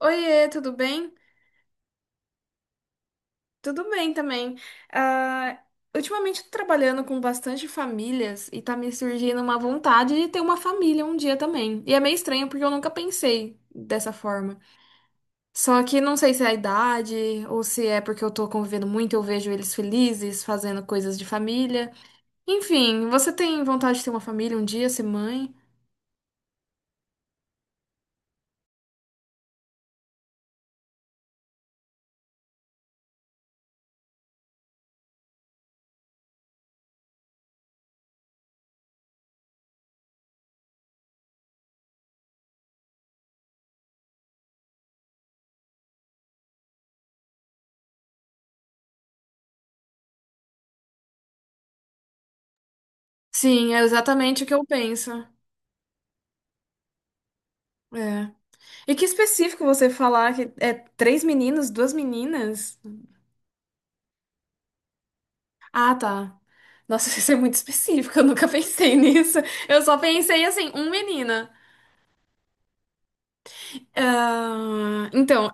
Oiê, tudo bem? Tudo bem também. Ah, Ultimamente tô trabalhando com bastante famílias e tá me surgindo uma vontade de ter uma família um dia também. E é meio estranho porque eu nunca pensei dessa forma. Só que não sei se é a idade ou se é porque eu tô convivendo muito, eu vejo eles felizes fazendo coisas de família. Enfim, você tem vontade de ter uma família um dia, ser mãe? Sim, é exatamente o que eu penso. É. E que específico você falar que é três meninos, duas meninas? Ah, tá. Nossa, isso é muito específico, eu nunca pensei nisso. Eu só pensei assim, um menina. Ah, então,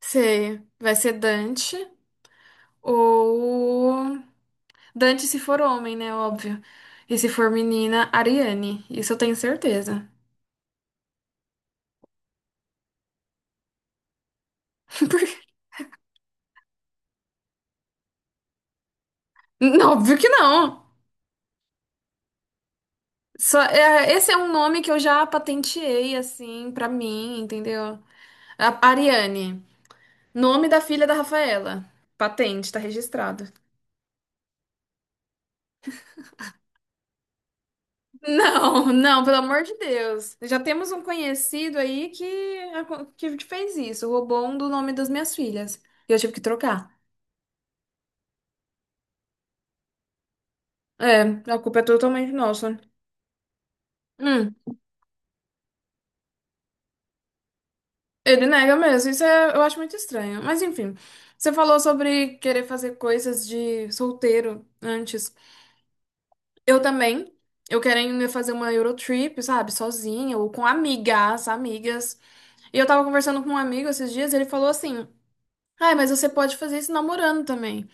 sei, vai ser Dante ou Dante se for homem, né? Óbvio. E se for menina, Ariane. Isso eu tenho certeza. Porque- não, óbvio que não. Só, é, esse é um nome que eu já patenteei, assim, pra mim, entendeu? A- Ariane. Nome da filha da Rafaela. Patente, tá registrado. Não, não, pelo amor de Deus. Já temos um conhecido aí que fez isso, roubou um do nome das minhas filhas. E eu tive que trocar. É, a culpa é totalmente nossa. Hum, Ele nega mesmo, isso é- eu acho muito estranho. Mas enfim, você falou sobre querer fazer coisas de solteiro antes. Eu também. Eu querendo fazer uma Eurotrip, sabe, sozinha ou com amigas. E eu tava conversando com um amigo esses dias e ele falou assim: ai, mas você pode fazer isso namorando também.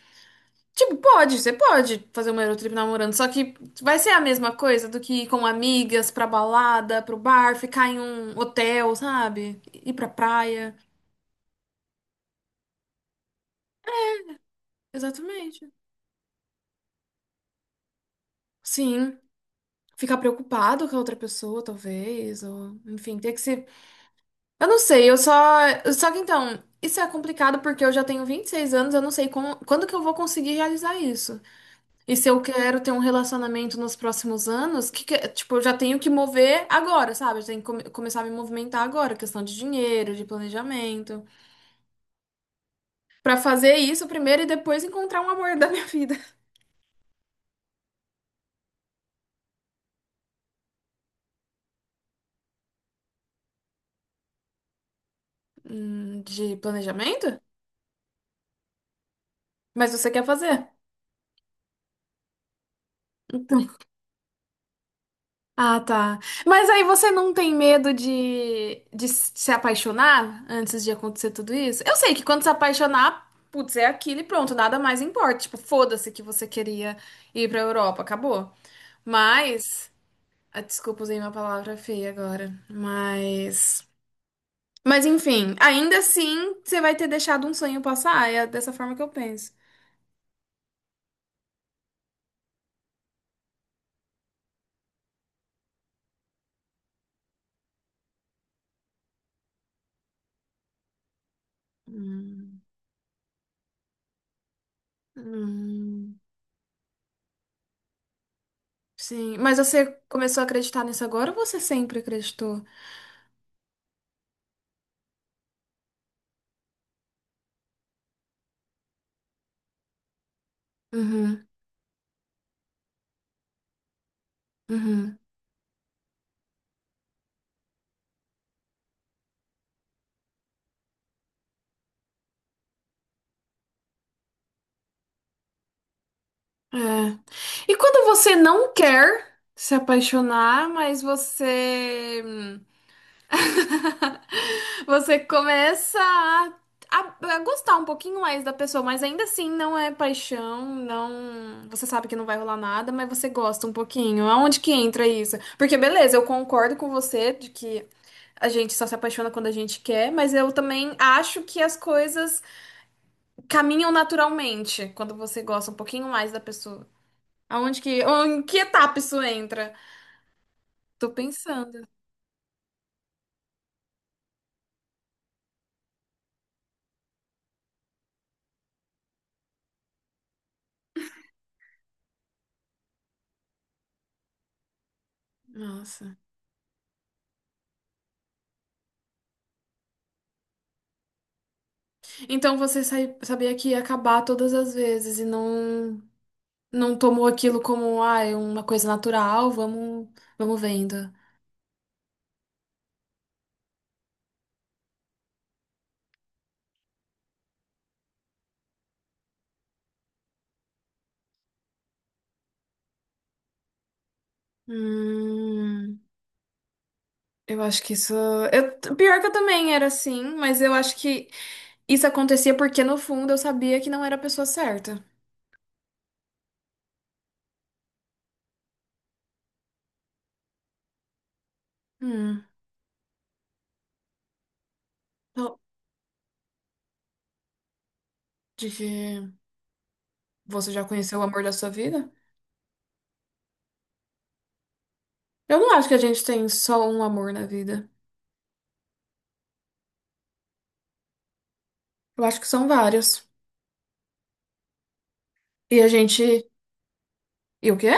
Tipo, pode, você pode fazer uma Eurotrip namorando, só que vai ser a mesma coisa do que ir com amigas pra balada, pro bar, ficar em um hotel, sabe? Ir pra praia. Exatamente. Sim, ficar preocupado com a outra pessoa, talvez, ou enfim, ter que se. Eu não sei, eu só. Só que então, isso é complicado porque eu já tenho 26 anos, eu não sei quando que eu vou conseguir realizar isso. E se eu quero ter um relacionamento nos próximos anos, tipo, eu já tenho que mover agora, sabe? Eu tenho que começar a me movimentar agora, questão de dinheiro, de planejamento. Pra fazer isso primeiro e depois encontrar um amor da minha vida. De planejamento? Mas você quer fazer? Então. Ah, tá. Mas aí você não tem medo de se apaixonar antes de acontecer tudo isso? Eu sei que quando se apaixonar, putz, é aquilo e pronto, nada mais importa. Tipo, foda-se que você queria ir pra Europa, acabou. Mas, ah, desculpa, usei uma palavra feia agora, mas enfim, ainda assim, você vai ter deixado um sonho passar, é dessa forma que eu penso. Hum. Hum, sim, mas você começou a acreditar nisso agora ou você sempre acreditou? Uhum, uhum, é. E quando você não quer se apaixonar, mas você você começa a gostar um pouquinho mais da pessoa, mas ainda assim não é paixão, não. Você sabe que não vai rolar nada, mas você gosta um pouquinho. Aonde que entra isso? Porque beleza, eu concordo com você de que a gente só se apaixona quando a gente quer, mas eu também acho que as coisas caminham naturalmente quando você gosta um pouquinho mais da pessoa. Aonde que, em que etapa isso entra? Tô pensando. Nossa. Então você sabia que ia acabar todas as vezes e não não tomou aquilo como, ah, é uma coisa natural, vamos vendo. Hum, eu acho que isso. Eu, pior que eu também era assim, mas eu acho que isso acontecia porque no fundo eu sabia que não era a pessoa certa. Hum, então, de que você já conheceu o amor da sua vida? Eu não acho que a gente tem só um amor na vida. Eu acho que são vários. E a gente. E o quê?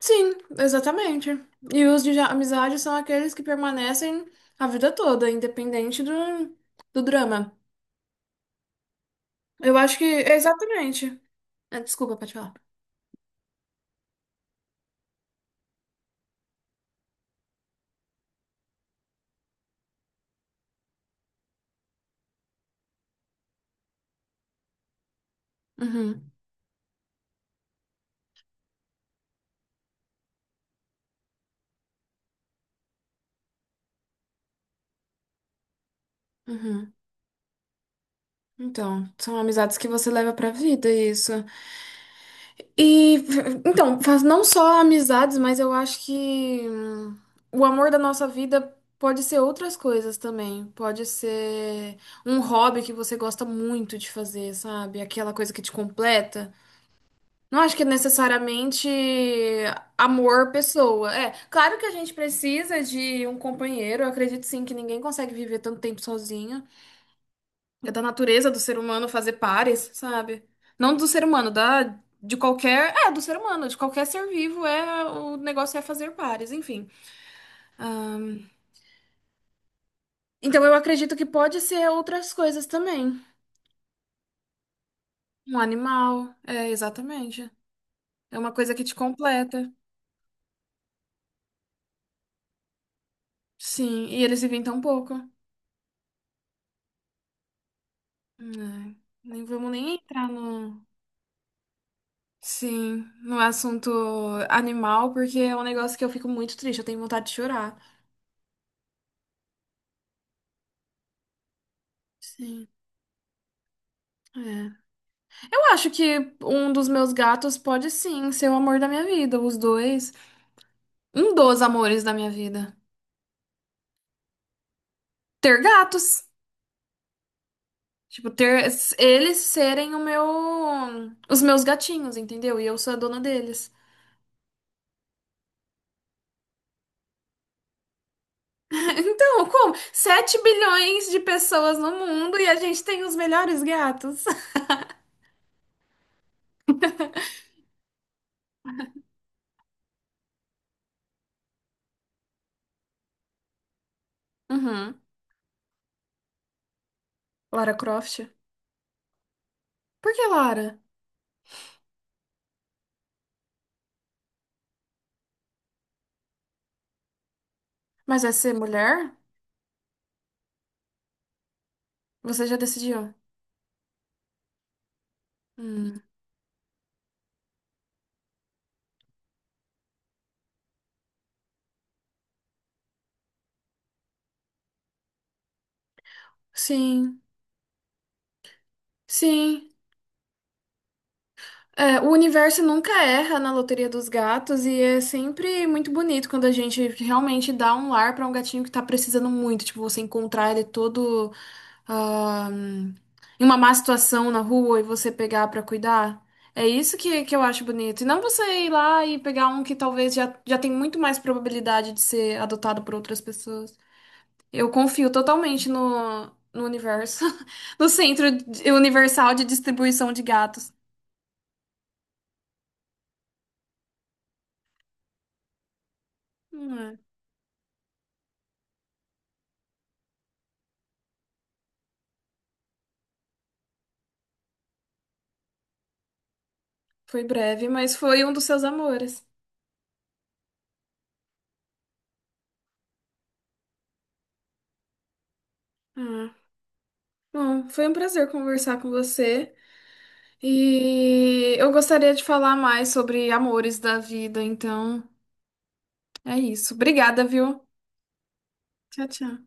Sim, exatamente. E os de amizade são aqueles que permanecem a vida toda, independente do drama. Eu acho que, exatamente. É, desculpa, pode falar. Uhum, uhum. Então, são amizades que você leva pra vida, isso. E, então, faz não só amizades, mas eu acho que o amor da nossa vida pode ser outras coisas também. Pode ser um hobby que você gosta muito de fazer, sabe? Aquela coisa que te completa. Não acho que é necessariamente amor pessoa. É, claro que a gente precisa de um companheiro. Eu acredito sim que ninguém consegue viver tanto tempo sozinho. É da natureza do ser humano fazer pares, sabe? Não do ser humano, da de qualquer, é, do ser humano, de qualquer ser vivo é o negócio é fazer pares, enfim. Então eu acredito que pode ser outras coisas também. Um animal, é exatamente. É uma coisa que te completa. Sim, e eles vivem tão pouco. É, nem vamos nem entrar no, sim, no assunto animal, porque é um negócio que eu fico muito triste, eu tenho vontade de chorar. Sim, é. Eu acho que um dos meus gatos pode sim ser o amor da minha vida, os dois, um dos amores da minha vida. Ter gatos, tipo, ter eles serem o meu, os meus gatinhos, entendeu? E eu sou a dona deles. Então, como? 7 bilhões de pessoas no mundo e a gente tem os melhores gatos. Uhum. Lara Croft? Por que Lara? Mas vai ser mulher? Você já decidiu? Hum, sim, sim. É, o universo nunca erra na loteria dos gatos e é sempre muito bonito quando a gente realmente dá um lar pra um gatinho que tá precisando muito. Tipo, você encontrar ele todo ah, em uma má situação na rua e você pegar pra cuidar. É isso que eu acho bonito. E não você ir lá e pegar um que talvez já, já tem muito mais probabilidade de ser adotado por outras pessoas. Eu confio totalmente no, no universo, no universal de distribuição de gatos. É. Foi breve, mas foi um dos seus amores. Ah, bom, foi um prazer conversar com você. E eu gostaria de falar mais sobre amores da vida, então é isso. Obrigada, viu? Tchau, tchau.